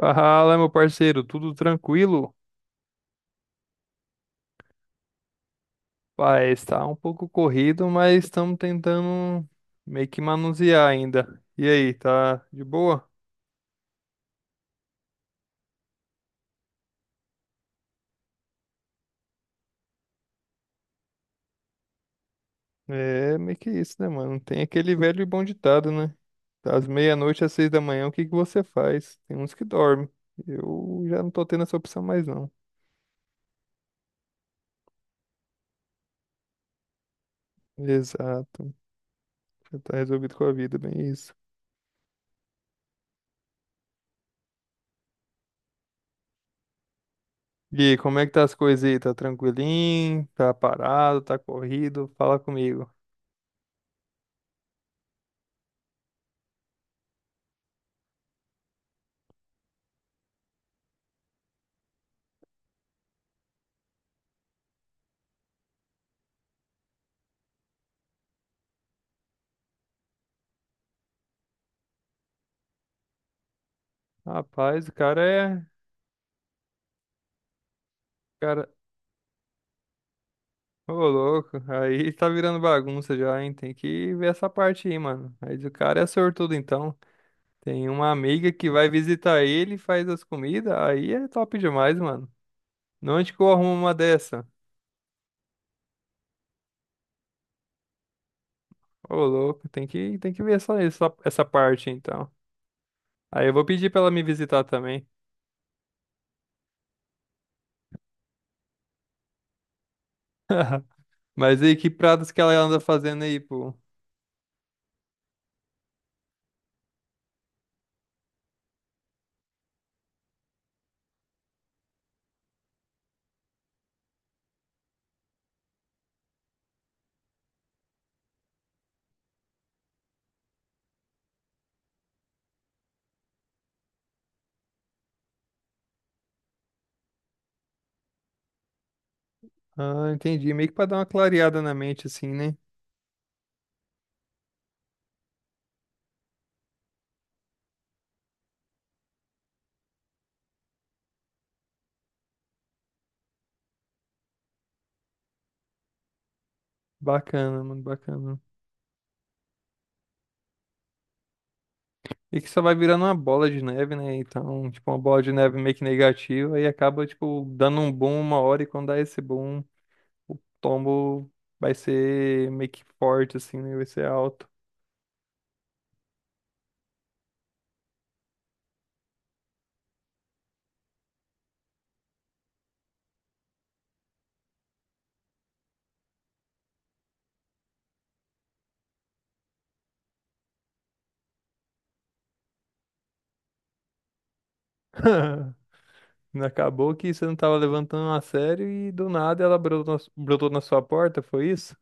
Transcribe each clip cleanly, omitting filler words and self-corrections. Fala, meu parceiro, tudo tranquilo? Pai, está um pouco corrido, mas estamos tentando meio que manusear ainda. E aí, tá de boa? É meio que isso, né, mano? Tem aquele velho e bom ditado, né? Das meia-noite às 6 da manhã, o que que você faz? Tem uns que dormem. Eu já não tô tendo essa opção mais, não. Exato. Já tá resolvido com a vida, bem isso. E aí, como é que tá as coisas aí? Tá tranquilinho? Tá parado? Tá corrido? Fala comigo. Rapaz, o cara é. Cara, ô louco, aí tá virando bagunça já, hein? Tem que ver essa parte aí, mano. Mas o cara é sortudo, então. Tem uma amiga que vai visitar ele, faz as comidas, aí é top demais, mano. Onde que eu arrumo uma dessa? Ô louco, tem que ver só essa parte, então. Aí eu vou pedir pra ela me visitar também. Mas aí, que pratos que ela anda fazendo aí, pô? Ah, entendi. Meio que pra dar uma clareada na mente, assim, né? Bacana, mano, bacana. E que só vai virando uma bola de neve, né? Então, tipo, uma bola de neve meio que negativa e acaba, tipo, dando um boom uma hora e quando dá esse boom, o tombo vai ser meio que forte, assim, né? Vai ser alto. Acabou que você não tava levantando a sério e do nada ela brotou, brotou na sua porta, foi isso?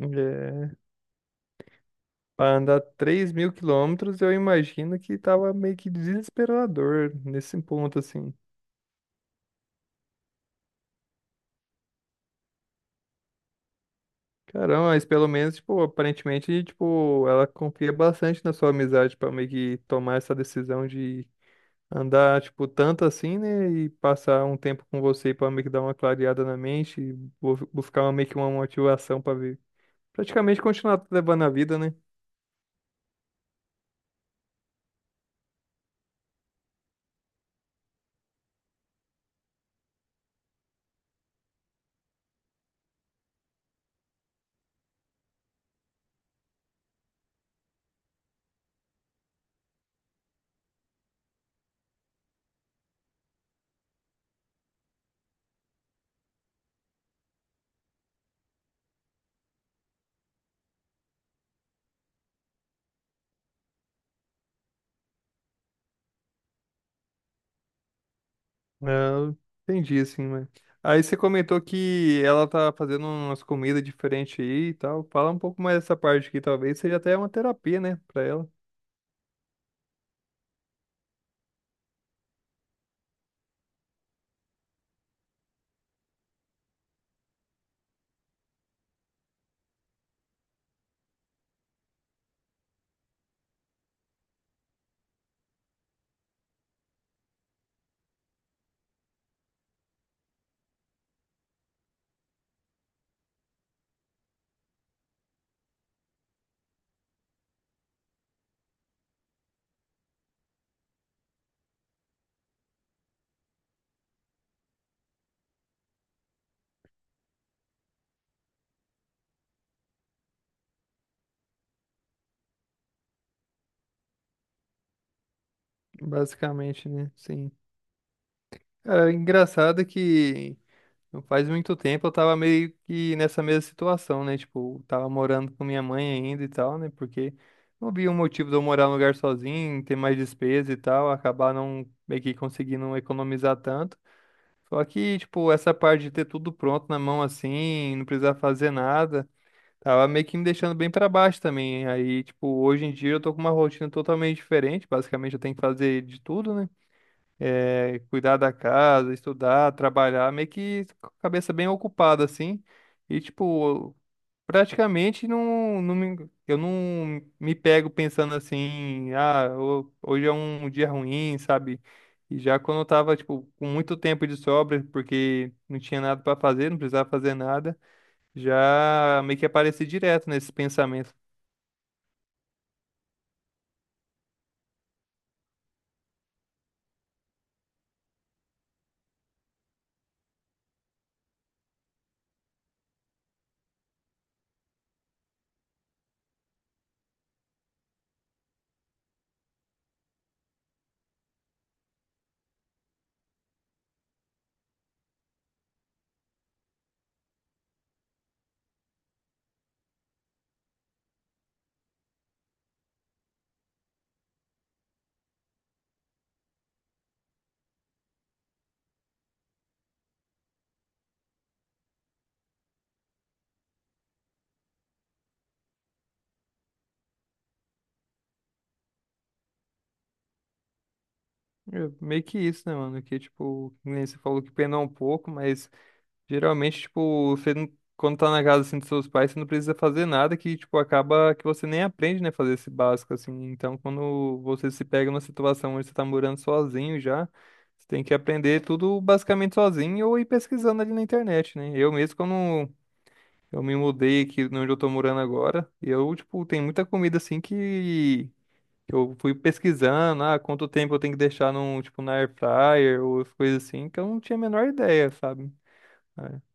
É. Pra andar 3 mil quilômetros, eu imagino que tava meio que desesperador nesse ponto, assim. Caramba, mas pelo menos, tipo, aparentemente, tipo, ela confia bastante na sua amizade pra meio que tomar essa decisão de andar, tipo, tanto assim, né? E passar um tempo com você pra meio que dar uma clareada na mente, e buscar meio que uma motivação pra ver. Praticamente continuar levando a vida, né? Ah, entendi, assim, mas. Aí você comentou que ela tá fazendo umas comidas diferentes aí e tal. Fala um pouco mais dessa parte aqui, talvez seja até uma terapia, né, pra ela. Basicamente, né? Sim. Cara, engraçado é que não faz muito tempo eu tava meio que nessa mesma situação, né? Tipo, tava morando com minha mãe ainda e tal, né? Porque não havia um motivo de eu morar num lugar sozinho, ter mais despesa e tal, acabar não meio que conseguindo economizar tanto. Só que, tipo, essa parte de ter tudo pronto na mão assim, não precisar fazer nada, tava meio que me deixando bem pra baixo também. Aí, tipo, hoje em dia eu tô com uma rotina totalmente diferente, basicamente eu tenho que fazer de tudo, né? É, cuidar da casa, estudar, trabalhar, meio que com a cabeça bem ocupada, assim. E, tipo, praticamente eu não me pego pensando assim, ah, hoje é um dia ruim, sabe? E já quando eu tava, tipo, com muito tempo de sobra, porque não tinha nada para fazer, não precisava fazer nada, já meio que apareci direto nesses pensamentos. É meio que isso, né, mano? Que, tipo, que nem você falou que penou um pouco, mas. Geralmente, tipo, você não, quando tá na casa assim dos seus pais, você não precisa fazer nada que, tipo, acaba que você nem aprende, né, fazer esse básico assim. Então, quando você se pega numa situação onde você tá morando sozinho já, você tem que aprender tudo basicamente sozinho ou ir pesquisando ali na internet, né? Eu mesmo, quando eu me mudei aqui de onde eu tô morando agora, eu, tipo, tem muita comida assim que eu fui pesquisando, ah, quanto tempo eu tenho que deixar num, tipo, na air fryer ou as coisas assim, que eu não tinha a menor ideia, sabe? É.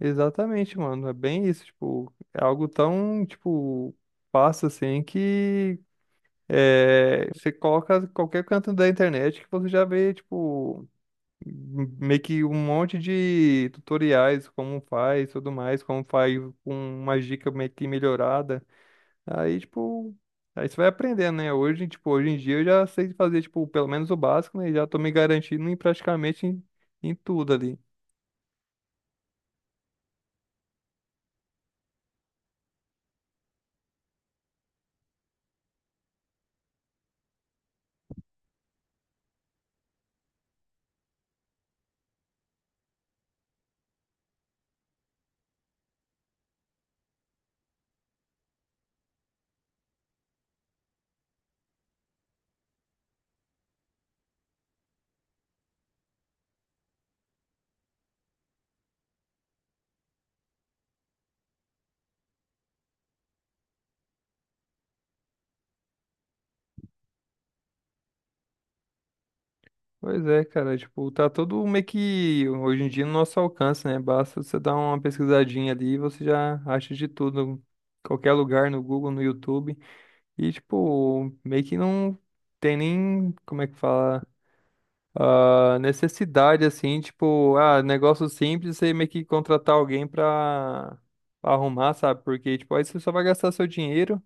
Exatamente, mano. É bem isso, tipo, é algo tão, tipo, fácil assim que é, você coloca qualquer canto da internet que você já vê, tipo, meio que um monte de tutoriais, como faz, tudo mais, como faz com uma dica meio que melhorada. Aí, tipo, aí você vai aprendendo, né? Hoje, tipo, hoje em dia eu já sei fazer, tipo, pelo menos o básico, né? E já tô me garantindo em praticamente, em tudo ali. Pois é, cara, tipo, tá tudo meio que hoje em dia no nosso alcance, né? Basta você dar uma pesquisadinha ali e você já acha de tudo, qualquer lugar no Google, no YouTube. E, tipo, meio que não tem nem, como é que fala, ah, necessidade, assim, tipo, ah, negócio simples, você meio que contratar alguém pra, pra arrumar, sabe? Porque, tipo, aí você só vai gastar seu dinheiro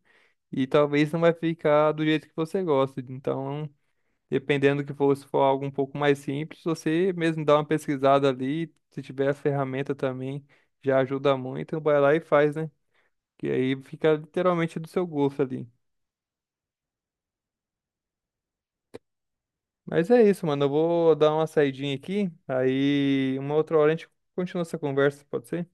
e talvez não vai ficar do jeito que você gosta. Então. Dependendo do que for, se for algo um pouco mais simples, você mesmo dá uma pesquisada ali, se tiver a ferramenta também, já ajuda muito, vai lá e faz, né? Que aí fica literalmente do seu gosto ali. Mas é isso, mano. Eu vou dar uma saidinha aqui, aí uma outra hora a gente continua essa conversa, pode ser?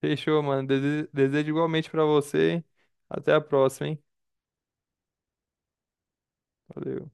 Fechou, mano. Desejo igualmente pra você. Até a próxima, hein? Valeu.